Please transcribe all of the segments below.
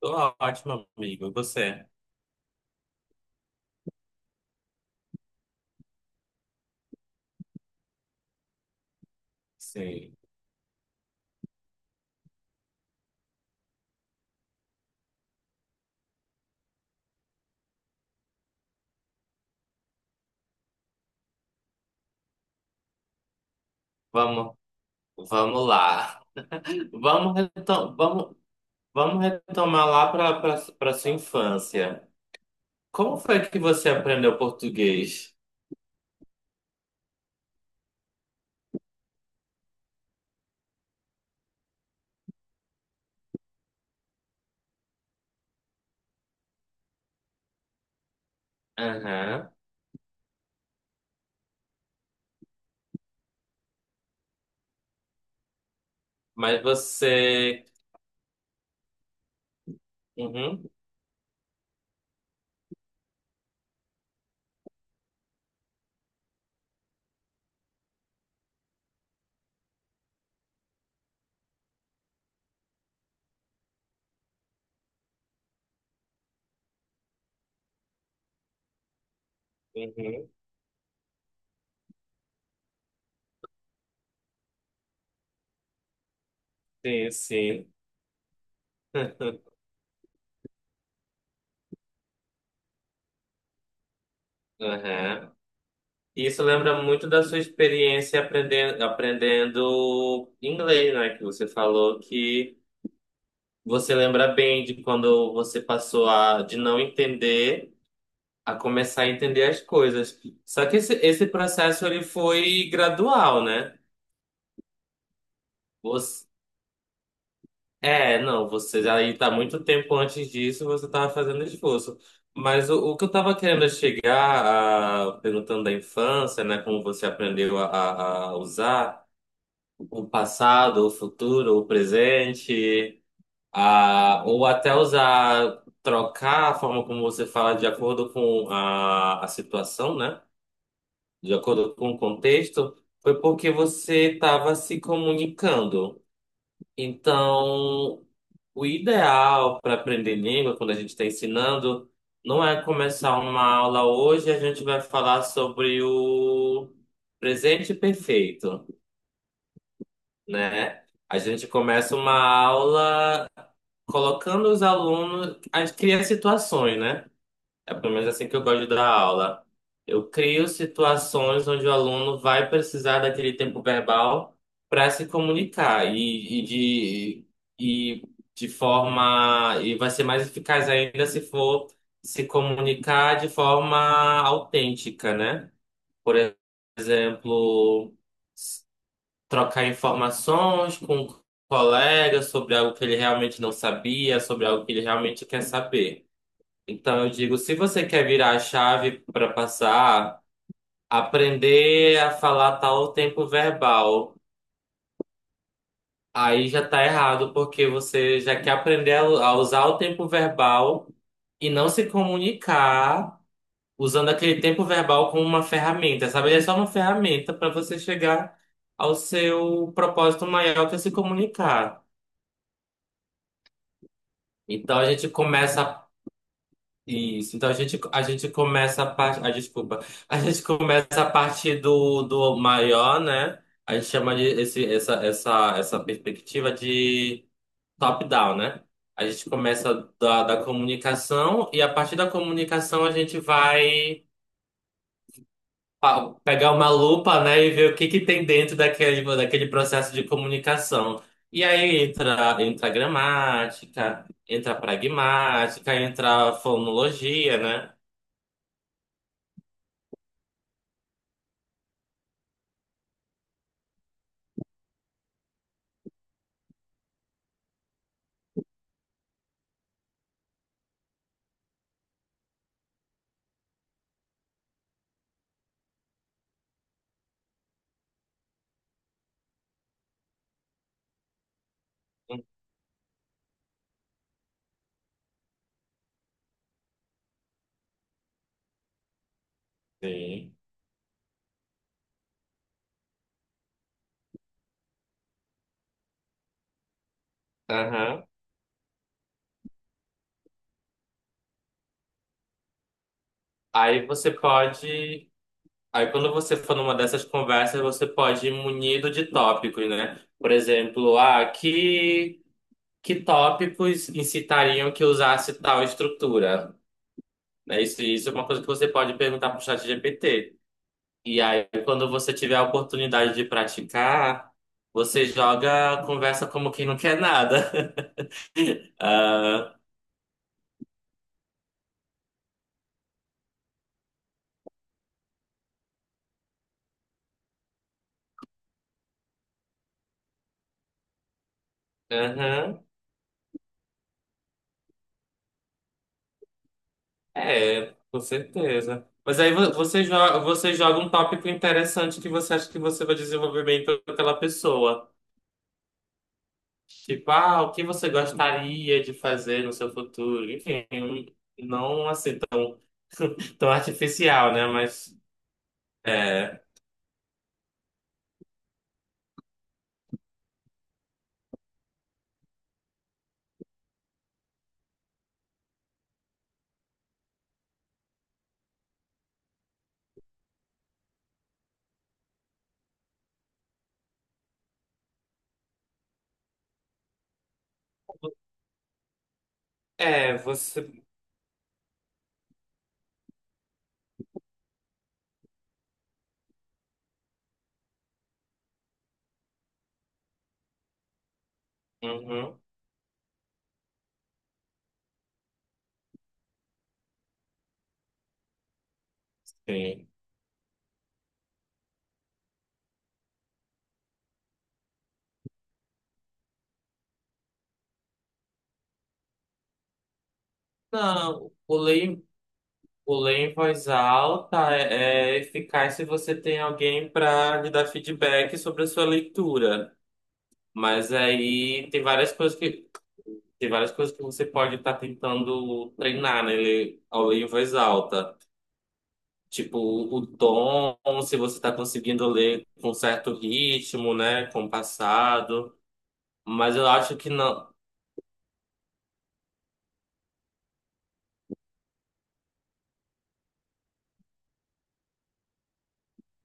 Tô ótimo, amigo. E você? Sim. Vamos, vamos lá. Vamos, retom vamos, vamos retomar lá para sua infância. Como foi que você aprendeu português? Aham. Mas você. Uhum. Uhum. Sim, sim. Aham. Isso lembra muito da sua experiência aprendendo inglês, né? Que você falou que você lembra bem de quando você passou de não entender, a começar a entender as coisas. Só que esse processo ele foi gradual, né? Você, não, você já está muito tempo antes disso, você estava fazendo esforço. Mas o que eu estava querendo é chegar, perguntando da infância, né, como você aprendeu a usar o passado, o futuro, o presente, ou até usar, trocar a forma como você fala de acordo com a situação, né? De acordo com o contexto, foi porque você estava se comunicando. Então, o ideal para aprender língua, quando a gente está ensinando, não é começar uma aula hoje, a gente vai falar sobre o presente perfeito, né? A gente começa uma aula colocando os alunos, a criar situações, né? É pelo menos assim que eu gosto de dar aula. Eu crio situações onde o aluno vai precisar daquele tempo verbal para se comunicar e de forma e vai ser mais eficaz ainda se for se comunicar de forma autêntica, né? Por exemplo, s- trocar informações com um colega sobre algo que ele realmente não sabia, sobre algo que ele realmente quer saber. Então eu digo, se você quer virar a chave para passar, aprender a falar tal tempo verbal, aí já tá errado, porque você já quer aprender a usar o tempo verbal e não se comunicar usando aquele tempo verbal como uma ferramenta, sabe? Ele é só uma ferramenta para você chegar ao seu propósito maior que é se comunicar. Então a gente começa Isso, então a gente começa a parte. Ah, desculpa. A gente começa a partir do maior, né? A gente chama de essa perspectiva de top-down, né? A gente começa da comunicação e a partir da comunicação a gente vai pegar uma lupa, né, e ver o que que tem dentro daquele processo de comunicação. E aí entra gramática, entra pragmática, entra fonologia, né? Sim. Aham. Aí você pode. Aí quando você for numa dessas conversas, você pode ir munido de tópicos, né? Por exemplo, que tópicos incitariam que usasse tal estrutura? Né? Isso é uma coisa que você pode perguntar para o chat GPT. E aí, quando você tiver a oportunidade de praticar, você joga a conversa como quem não quer nada. Ah, aham. É, com certeza. Mas aí você joga um tópico interessante que você acha que você vai desenvolver bem com aquela pessoa. Tipo, ah, o que você gostaria de fazer no seu futuro? Enfim, não assim tão, tão artificial, né? Mas é, você. Uhum, sim. Não, o ler em voz alta é eficaz se você tem alguém para lhe dar feedback sobre a sua leitura. Mas aí tem várias coisas que você pode estar tentando treinar, né? Ler em voz alta. Tipo, o tom, se você está conseguindo ler com certo ritmo, né? Compassado. Mas eu acho que não.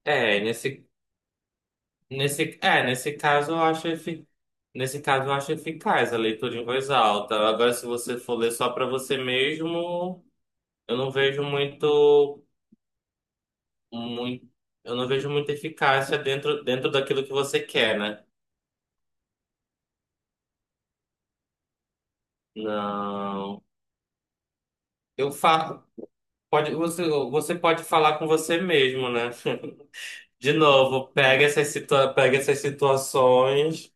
É, nesse, nesse, é, nesse caso eu acho efi- Nesse caso eu acho eficaz a leitura em voz alta. Agora, se você for ler só para você mesmo, eu não vejo muito, eu não vejo muita eficácia dentro daquilo que você quer, né? Não. Eu falo, pode, você pode falar com você mesmo, né? De novo, pega essas situações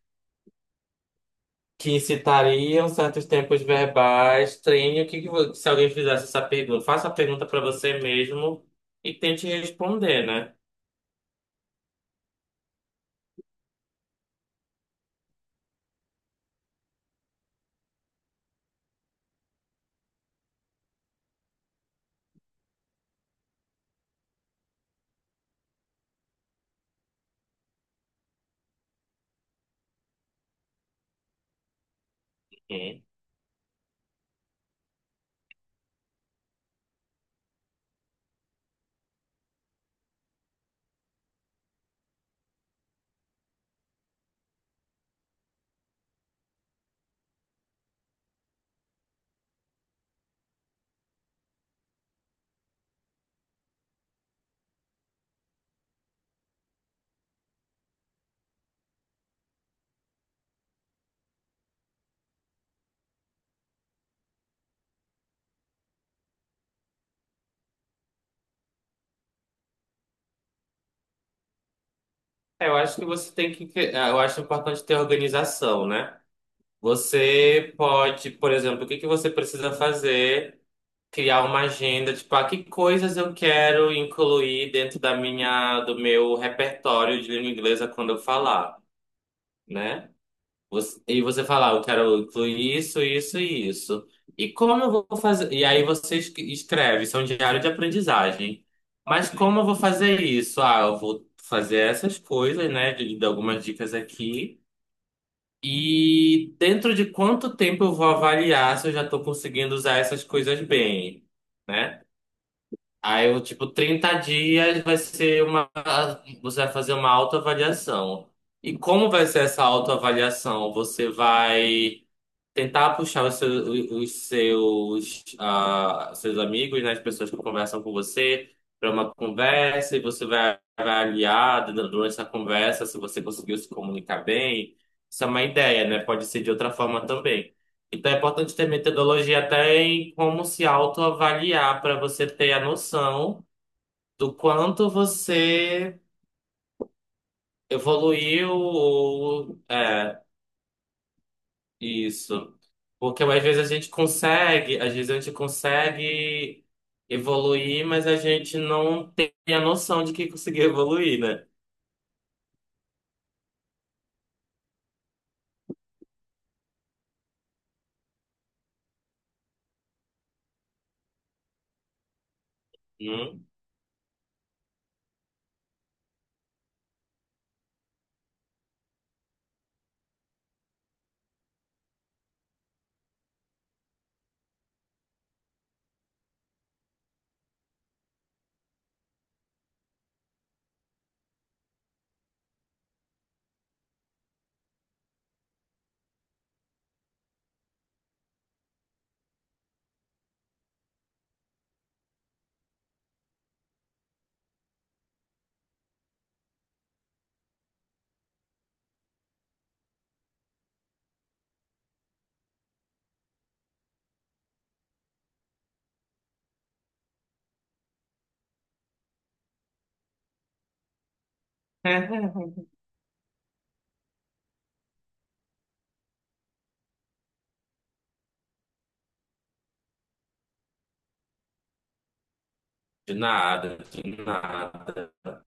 que incitariam certos tempos verbais, treine o que, que vo- se alguém fizesse essa pergunta, faça a pergunta para você mesmo e tente responder, né? Uhum. É, eu acho importante ter organização, né? Você pode, por exemplo, o que que você precisa fazer? Criar uma agenda, tipo, que coisas eu quero incluir dentro do meu repertório de língua inglesa quando eu falar, né? E você falar, eu quero incluir isso, isso e isso. E como eu vou fazer? E aí você escreve, isso é um diário de aprendizagem. Mas como eu vou fazer isso? Ah, eu vou fazer essas coisas, né? De algumas dicas aqui. E dentro de quanto tempo eu vou avaliar se eu já estou conseguindo usar essas coisas bem, né? Aí eu, tipo, 30 dias vai ser uma. Você vai fazer uma autoavaliação. E como vai ser essa autoavaliação? Você vai tentar puxar seus amigos, né, as pessoas que conversam com você, para uma conversa, e você vai avaliar durante essa conversa se você conseguiu se comunicar bem. Isso é uma ideia, né? Pode ser de outra forma também. Então é importante ter metodologia até em como se autoavaliar para você ter a noção do quanto você evoluiu Isso. Porque às vezes a gente consegue evoluir, mas a gente não tem a noção de que conseguiu evoluir, né? Hum? De nada, de nada.